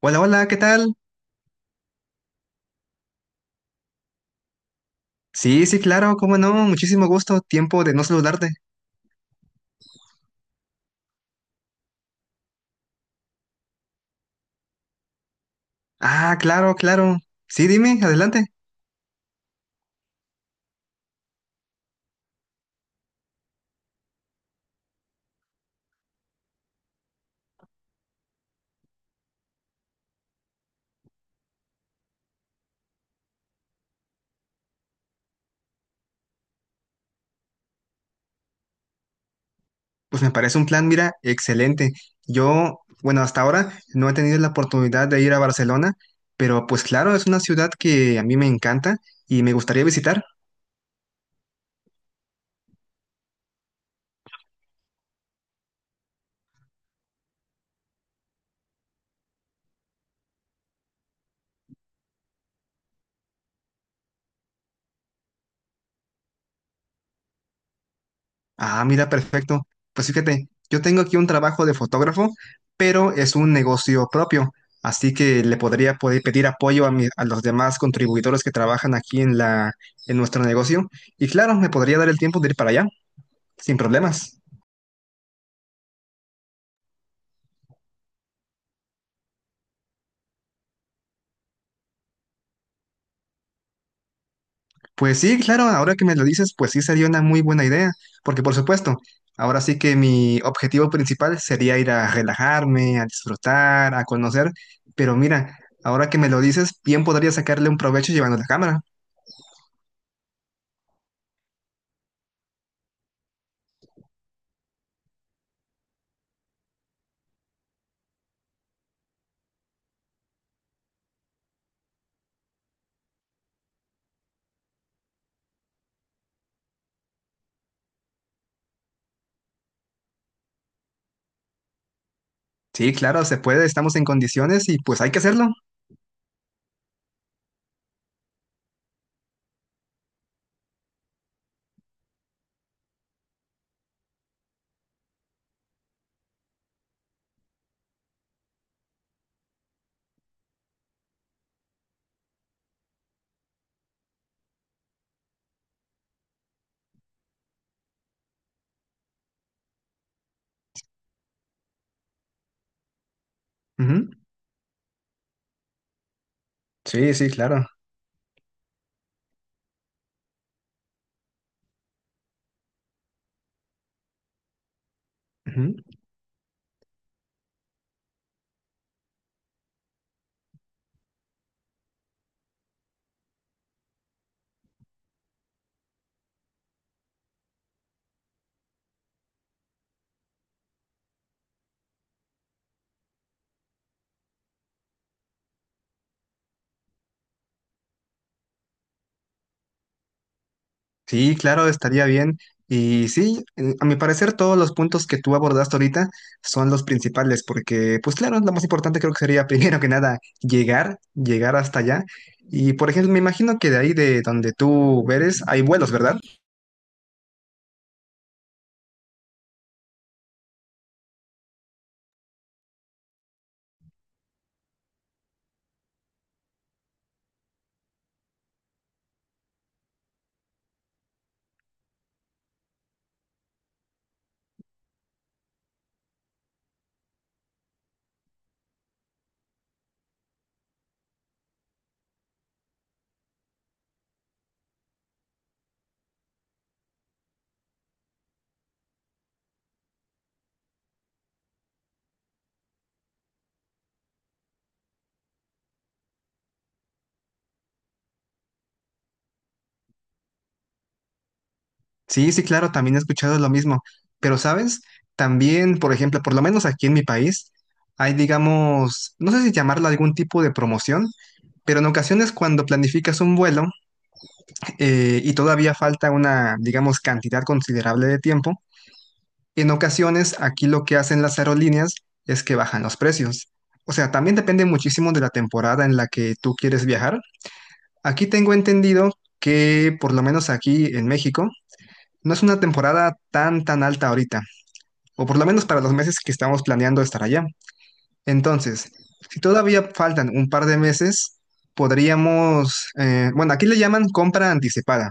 Hola, hola, ¿qué tal? Sí, sí, claro, cómo no, muchísimo gusto, tiempo de no saludarte. Ah, claro, claro. Sí, dime, adelante. Pues me parece un plan, mira, excelente. Yo, bueno, hasta ahora no he tenido la oportunidad de ir a Barcelona, pero pues claro, es una ciudad que a mí me encanta y me gustaría visitar. Ah, mira, perfecto. Pues fíjate, yo tengo aquí un trabajo de fotógrafo, pero es un negocio propio, así que le podría poder pedir apoyo a, a los demás contribuidores que trabajan aquí en en nuestro negocio. Y claro, me podría dar el tiempo de ir para allá, sin problemas. Pues sí, claro, ahora que me lo dices, pues sí sería una muy buena idea, porque por supuesto, ahora sí que mi objetivo principal sería ir a relajarme, a disfrutar, a conocer, pero mira, ahora que me lo dices, bien podría sacarle un provecho llevando la cámara. Sí, claro, se puede, estamos en condiciones y pues hay que hacerlo. Ujú. Sí, sí, claro. Ujú. Sí, claro, estaría bien. Y sí, a mi parecer todos los puntos que tú abordaste ahorita son los principales, porque pues claro, lo más importante creo que sería primero que nada llegar, llegar hasta allá. Y por ejemplo, me imagino que de ahí de donde tú eres hay vuelos, ¿verdad? Sí, sí, claro, también he escuchado lo mismo. Pero, ¿sabes? También, por ejemplo, por lo menos aquí en mi país, hay, digamos, no sé si llamarlo algún tipo de promoción, pero en ocasiones cuando planificas un vuelo y todavía falta una, digamos, cantidad considerable de tiempo, en ocasiones aquí lo que hacen las aerolíneas es que bajan los precios. O sea, también depende muchísimo de la temporada en la que tú quieres viajar. Aquí tengo entendido que, por lo menos aquí en México, no es una temporada tan tan alta ahorita, o por lo menos para los meses que estamos planeando estar allá. Entonces, si todavía faltan un par de meses, podríamos, bueno, aquí le llaman compra anticipada.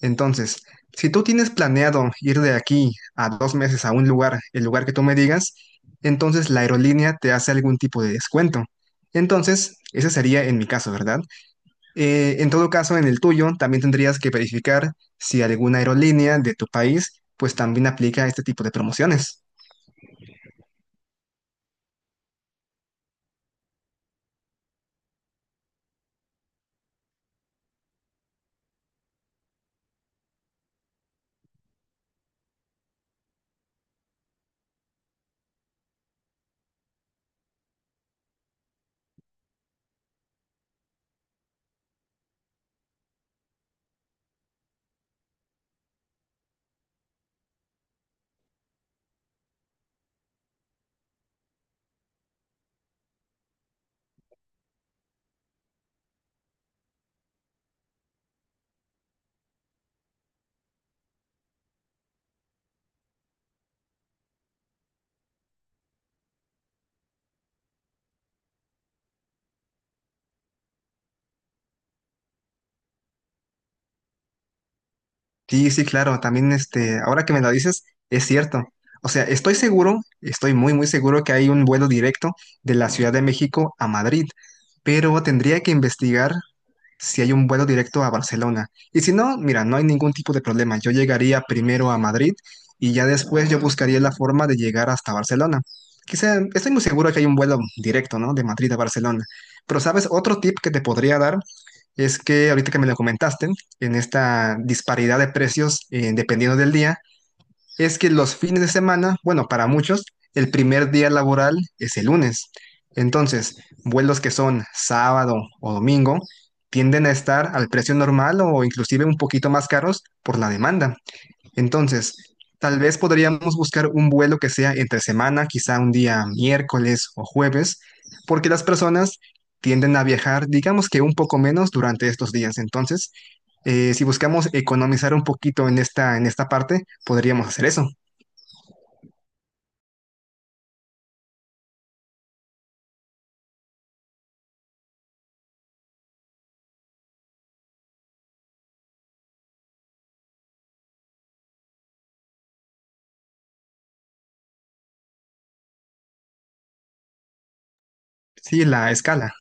Entonces, si tú tienes planeado ir de aquí a dos meses a un lugar, el lugar que tú me digas, entonces la aerolínea te hace algún tipo de descuento. Entonces, ese sería en mi caso, ¿verdad? En todo caso, en el tuyo también tendrías que verificar si alguna aerolínea de tu país pues también aplica este tipo de promociones. Sí, sí, claro, también este, ahora que me lo dices, es cierto. O sea, estoy seguro, estoy muy, muy seguro que hay un vuelo directo de la Ciudad de México a Madrid, pero tendría que investigar si hay un vuelo directo a Barcelona. Y si no, mira, no hay ningún tipo de problema. Yo llegaría primero a Madrid y ya después yo buscaría la forma de llegar hasta Barcelona. Quizá, estoy muy seguro que hay un vuelo directo, ¿no? De Madrid a Barcelona. Pero, ¿sabes? Otro tip que te podría dar es que ahorita que me lo comentaste, en esta disparidad de precios, dependiendo del día, es que los fines de semana, bueno, para muchos, el primer día laboral es el lunes. Entonces, vuelos que son sábado o domingo tienden a estar al precio normal o inclusive un poquito más caros por la demanda. Entonces, tal vez podríamos buscar un vuelo que sea entre semana, quizá un día miércoles o jueves, porque las personas tienden a viajar, digamos que un poco menos durante estos días. Entonces, si buscamos economizar un poquito en en esta parte, podríamos hacer eso. Sí, la escala.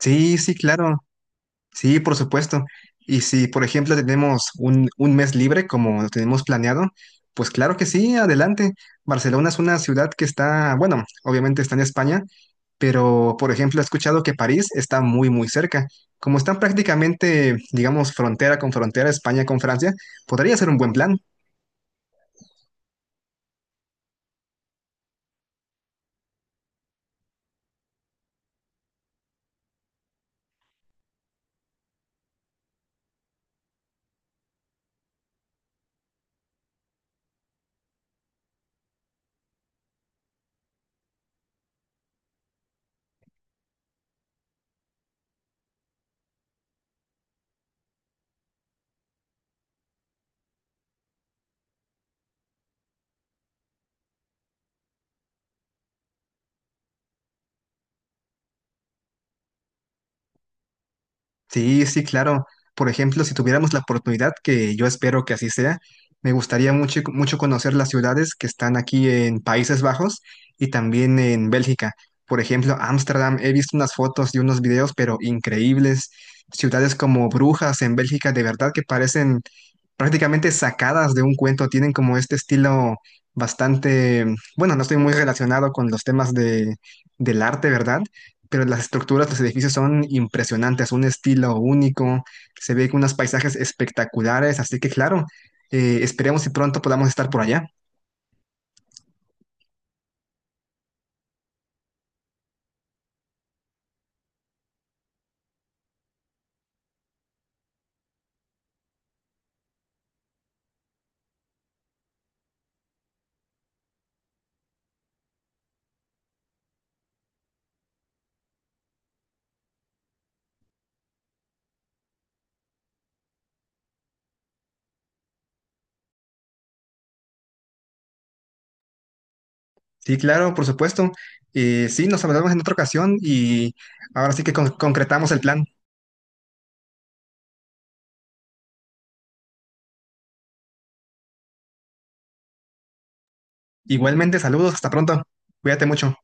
Sí, sí, claro. Sí, por supuesto. Y si, por ejemplo, tenemos un mes libre como lo tenemos planeado, pues claro que sí, adelante. Barcelona es una ciudad que está, bueno, obviamente está en España, pero, por ejemplo, he escuchado que París está muy, muy cerca. Como están prácticamente, digamos, frontera con frontera, España con Francia, podría ser un buen plan. Sí, sí, claro. Por ejemplo, si tuviéramos la oportunidad, que yo espero que así sea, me gustaría mucho, mucho conocer las ciudades que están aquí en Países Bajos y también en Bélgica. Por ejemplo, Ámsterdam, he visto unas fotos y unos videos, pero increíbles. Ciudades como Brujas en Bélgica, de verdad que parecen prácticamente sacadas de un cuento, tienen como este estilo bastante, bueno, no estoy muy relacionado con los temas de, del arte, ¿verdad? Pero las estructuras, los edificios son impresionantes, un estilo único, se ve unos paisajes espectaculares, así que claro, esperemos si pronto podamos estar por allá. Sí, claro, por supuesto. Sí, nos hablamos en otra ocasión y ahora sí que concretamos el plan. Igualmente, saludos, hasta pronto. Cuídate mucho.